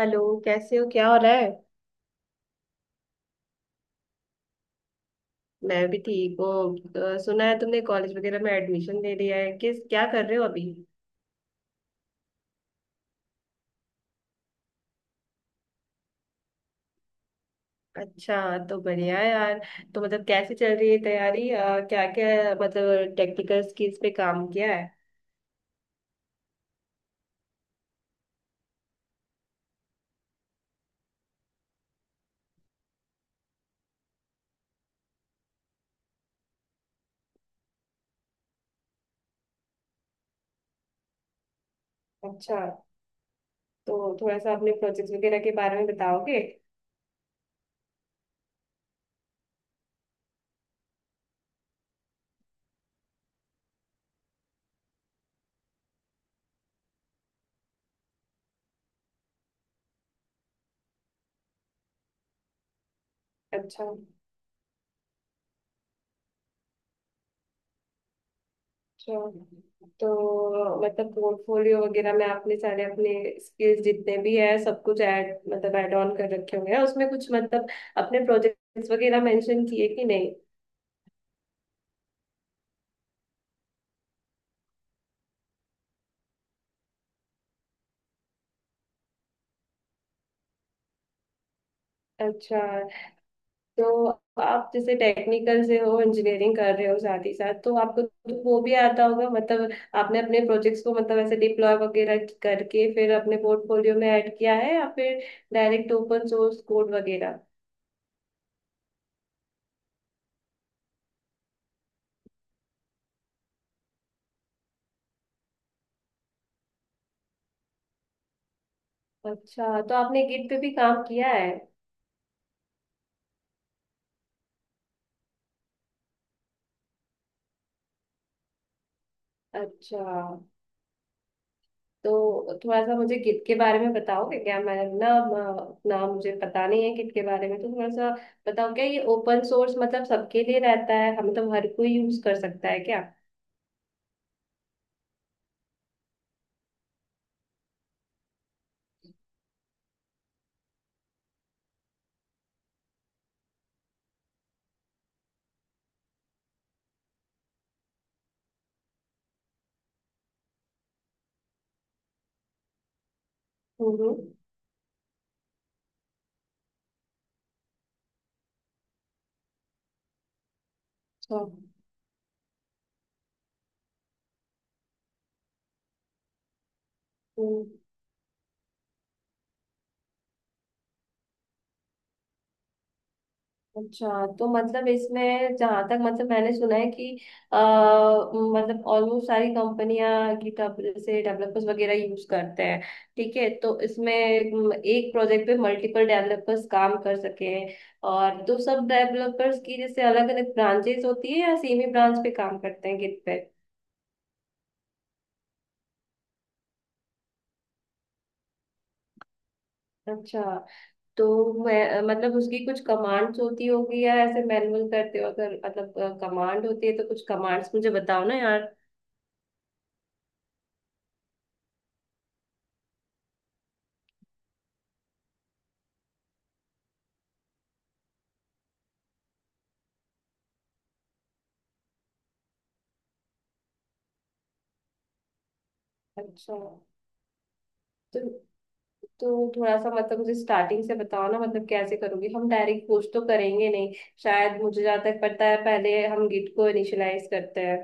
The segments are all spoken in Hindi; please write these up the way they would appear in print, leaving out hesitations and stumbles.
हेलो, कैसे हो? क्या हो रहा है? मैं भी ठीक हूँ। सुना है तुमने कॉलेज वगैरह में एडमिशन ले लिया है। किस क्या कर रहे हो अभी? अच्छा, तो बढ़िया है यार। तो मतलब कैसे चल रही है तैयारी? क्या क्या मतलब टेक्निकल स्किल्स पे काम किया है? अच्छा, तो थोड़ा सा अपने प्रोजेक्ट्स वगैरह के बारे में बताओगे? अच्छा। अच्छा, तो मतलब पोर्टफोलियो वगैरह में आपने सारे अपने स्किल्स जितने भी है सब कुछ ऐड मतलब ऐड ऑन कर रखे होंगे ना? उसमें कुछ मतलब अपने प्रोजेक्ट्स वगैरह मेंशन किए कि नहीं? अच्छा। तो आप जैसे टेक्निकल से हो, इंजीनियरिंग कर रहे हो, साथ ही साथ तो आपको तो वो भी आता होगा मतलब आपने अपने प्रोजेक्ट्स को मतलब ऐसे डिप्लॉय वगैरह करके फिर अपने पोर्टफोलियो में ऐड किया है या फिर डायरेक्ट ओपन सोर्स कोड वगैरह? अच्छा, तो आपने गिट पे भी काम किया है? अच्छा, तो थोड़ा सा मुझे गिद्ध के बारे में बताओगे क्या? मैं ना ना मुझे पता नहीं है गिद्ध के बारे में, तो थोड़ा सा बताओ। क्या ये ओपन सोर्स मतलब सबके लिए रहता है? हम मतलब हर कोई यूज कर सकता है क्या? हम्म, हम्म। अच्छा। हम्म। अच्छा, तो मतलब इसमें जहां तक मतलब मैंने सुना है कि मतलब ऑलमोस्ट सारी कंपनियां गिटहब से डेवलपर्स वगैरह यूज करते हैं। ठीक है, तो इसमें एक प्रोजेक्ट पे मल्टीपल डेवलपर्स काम कर सके, और तो सब डेवलपर्स की जैसे अलग अलग ब्रांचेस होती है या सेम ही ब्रांच पे काम करते हैं गिट पे? अच्छा, तो मैं मतलब उसकी कुछ कमांड्स होती होगी या ऐसे मैनुअल करते हो? अगर मतलब कमांड होती है तो कुछ कमांड्स मुझे बताओ ना यार। अच्छा, तो तो थोड़ा सा मतलब मुझे स्टार्टिंग से बताओ ना, मतलब कैसे करोगे? हम डायरेक्ट पोस्ट तो करेंगे नहीं, शायद। मुझे जहाँ तक पता है पहले हम गिट को इनिशियलाइज करते हैं।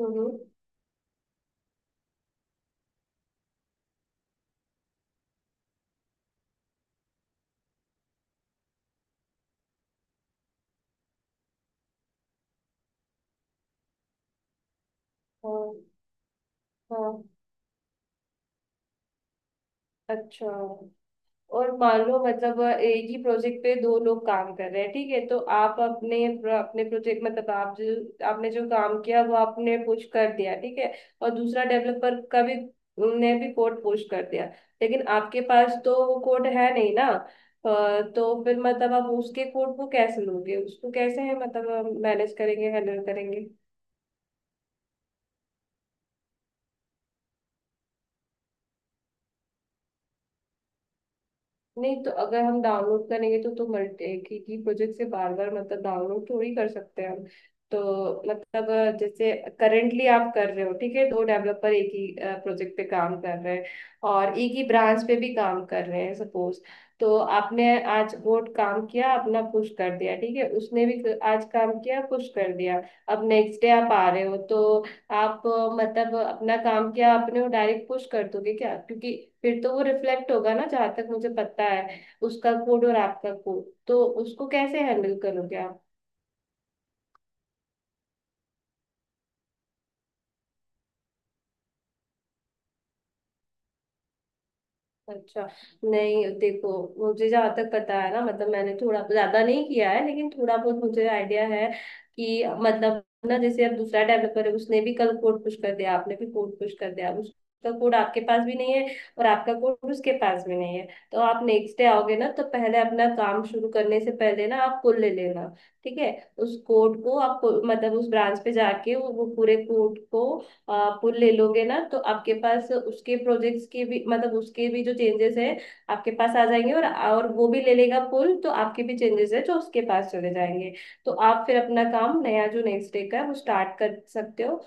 हम्म। हाँ, हाँ। अच्छा, और मान लो मतलब एक ही प्रोजेक्ट पे दो लोग काम कर रहे हैं, ठीक है, तो आप अपने अपने प्रोजेक्ट मतलब आप जो आपने जो काम किया वो आपने पुश कर दिया, ठीक है, और दूसरा डेवलपर का भी ने भी कोड पुश कर दिया, लेकिन आपके पास तो वो कोड है नहीं ना। तो फिर मतलब आप उसके कोड को कैसे लोगे? उसको कैसे है मतलब मैनेज करेंगे, हैंडल करेंगे? नहीं, तो अगर हम डाउनलोड करेंगे तो मल्टी एक ही प्रोजेक्ट से बार बार मतलब डाउनलोड थोड़ी कर सकते हैं हम। तो मतलब जैसे करंटली आप कर रहे हो, ठीक है, दो डेवलपर एक ही प्रोजेक्ट पे काम कर रहे हैं और एक ही ब्रांच पे भी काम कर रहे हैं सपोज, तो आपने आज कोड काम किया, अपना पुश कर दिया, ठीक है, उसने भी आज काम किया पुश कर दिया। अब नेक्स्ट डे आप आ रहे हो, तो आप मतलब अपना काम क्या अपने को डायरेक्ट पुश कर दोगे क्या? क्योंकि फिर तो वो रिफ्लेक्ट होगा ना, जहां तक मुझे पता है। उसका कोड और आपका कोड, तो उसको कैसे हैंडल करोगे आप? अच्छा। नहीं देखो, मुझे जहाँ तक पता है ना, मतलब मैंने थोड़ा ज्यादा नहीं किया है लेकिन थोड़ा बहुत मुझे आइडिया है कि मतलब ना जैसे अब दूसरा डेवलपर है उसने भी कल कोड पुश कर दिया, आपने भी कोड पुश कर दिया, अब उसका कोड आपके पास भी नहीं है और आपका कोड उसके पास भी नहीं है, तो आप नेक्स्ट डे आओगे ना तो पहले अपना काम शुरू करने से पहले ना आप कोड ले लेना। ठीक है, उस कोड को आप मतलब उस ब्रांच पे जाके वो पूरे कोड को आप ले लोगे ना, तो आपके पास उसके प्रोजेक्ट्स के भी मतलब उसके भी जो चेंजेस है आपके पास आ जाएंगे, और वो भी ले लेगा पुल तो आपके भी चेंजेस है जो उसके पास चले जाएंगे। तो आप फिर अपना काम नया जो नेक्स्ट डे का है वो स्टार्ट कर सकते हो,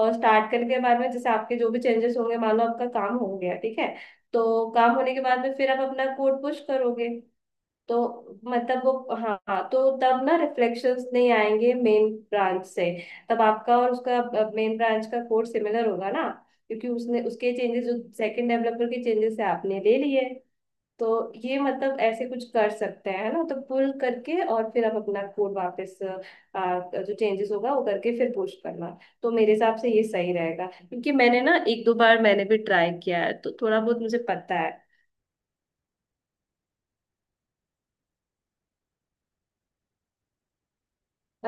और स्टार्ट करने के बाद में जैसे आपके जो भी चेंजेस होंगे मान लो आपका काम हो गया, ठीक है, तो काम होने के बाद में फिर आप अपना कोड पुश करोगे। तो मतलब वो, हाँ, तो तब ना रिफ्लेक्शंस नहीं आएंगे मेन ब्रांच से। तब आपका और उसका मेन ब्रांच का कोड सिमिलर होगा ना, क्योंकि उसने उसके चेंजेस जो सेकंड डेवलपर के चेंजेस है आपने ले लिए। तो ये मतलब ऐसे कुछ कर सकते हैं, है ना, तो पुल करके और फिर आप अपना कोड वापस जो चेंजेस होगा वो करके फिर पुश करना। तो मेरे हिसाब से ये सही रहेगा, क्योंकि मैंने ना एक दो बार मैंने भी ट्राई किया है, तो थोड़ा बहुत मुझे पता है।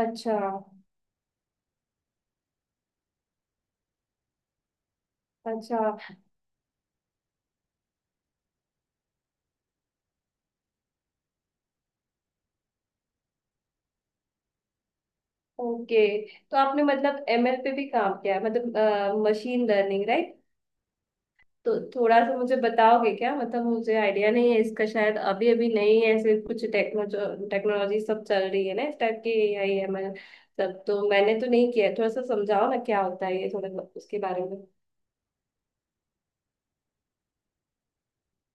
अच्छा। अच्छा। ओके, तो आपने मतलब एमएल पे भी काम किया है, मतलब मशीन लर्निंग राइट? तो थोड़ा सा मुझे बताओगे क्या? मतलब मुझे आइडिया नहीं है इसका, शायद अभी अभी नई ऐसे कुछ टेक्नोलॉजी टेक्नोलॉजी सब चल रही है ना इस टाइप की, एआई एमएल सब तो मैंने तो नहीं किया है। थोड़ा सा समझाओ ना क्या होता है ये, थोड़ा बहुत उसके बारे में।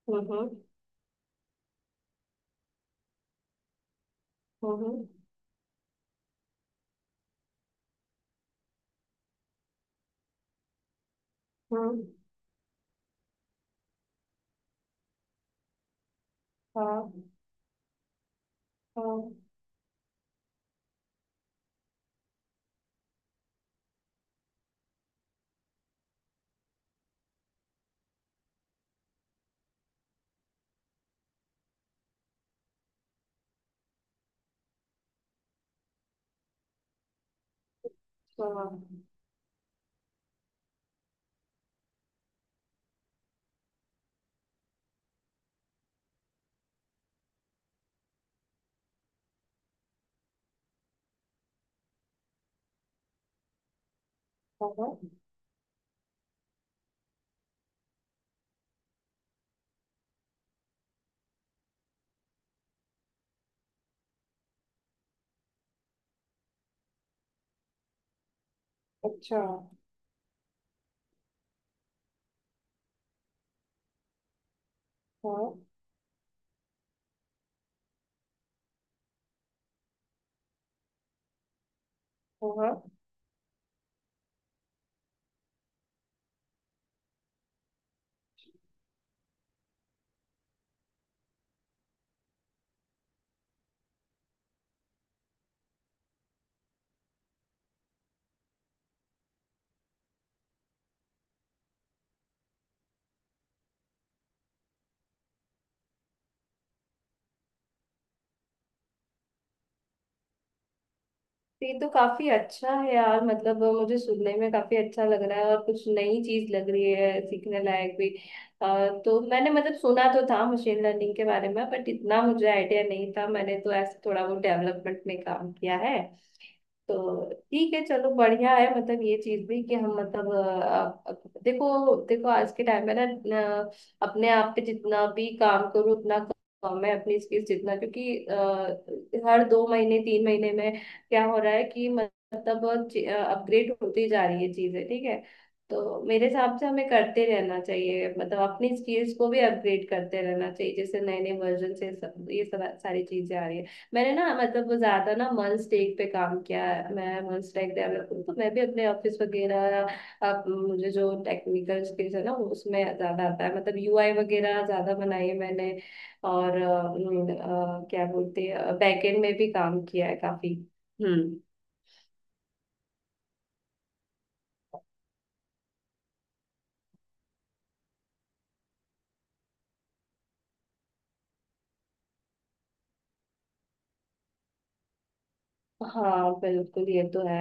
हम्म, हम्म। हम्म, हम्म, हाँ, हाँ, हाँ, हाँ, अच्छा, हाँ, हाँ। ये तो काफी अच्छा है यार, मतलब मुझे सुनने में काफी अच्छा लग रहा है और कुछ नई चीज लग रही है सीखने लायक भी। तो मैंने मतलब सुना तो था मशीन लर्निंग के बारे में, बट इतना मुझे आइडिया नहीं था। मैंने तो ऐसे थोड़ा बहुत डेवलपमेंट में काम किया है तो। ठीक है, चलो बढ़िया है, मतलब ये चीज भी कि हम मतलब देखो देखो आज के टाइम में ना, अ, अपने आप पे जितना भी काम करो उतना कम है अपनी स्किल्स जितना, क्योंकि हर दो महीने तीन महीने में क्या हो रहा है कि मतलब अपग्रेड होती जा रही है चीजें, ठीक है। तो मेरे हिसाब से हमें करते रहना चाहिए, मतलब अपनी स्किल्स को भी अपग्रेड करते रहना चाहिए, जैसे नए नए वर्जन से सब ये सब सारी चीजें आ रही है। मैंने ना मतलब वो ज्यादा ना मंच टेक पे काम किया है, मैं मंच टेक डेवलपर हूँ, तो मैं भी अपने ऑफिस वगैरह अब मुझे जो टेक्निकल स्किल्स है ना वो उसमें ज्यादा आता है, मतलब यूआई वगैरह ज्यादा बनाई है मैंने, और क्या बोलते हैं बैकएंड में भी काम किया है काफी। हम्म। हाँ, बिल्कुल, ये तो है।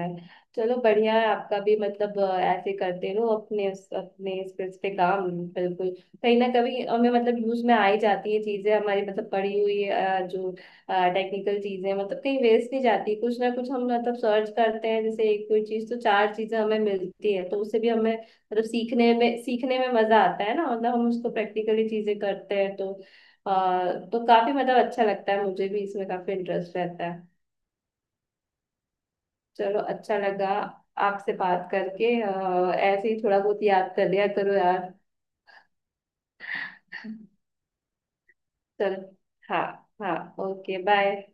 चलो बढ़िया है आपका भी, मतलब ऐसे करते रहो अपने अपने इस पे काम, बिल्कुल। कहीं ना कभी हमें मतलब यूज में आ ही जाती है चीजें हमारी, मतलब पड़ी हुई जो टेक्निकल चीजें, मतलब कहीं वेस्ट नहीं जाती। कुछ ना कुछ हम मतलब सर्च करते हैं जैसे एक कोई चीज तो चार चीजें हमें मिलती है, तो उससे भी हमें मतलब सीखने में मजा आता है ना, मतलब हम उसको प्रैक्टिकली चीजें करते हैं तो अ, तो काफी मतलब अच्छा लगता है, मुझे भी इसमें काफी इंटरेस्ट रहता है। चलो, अच्छा लगा आपसे बात करके। ऐसे ही थोड़ा बहुत याद कर लिया करो यार। चलो। हाँ, हाँ ओके, बाय।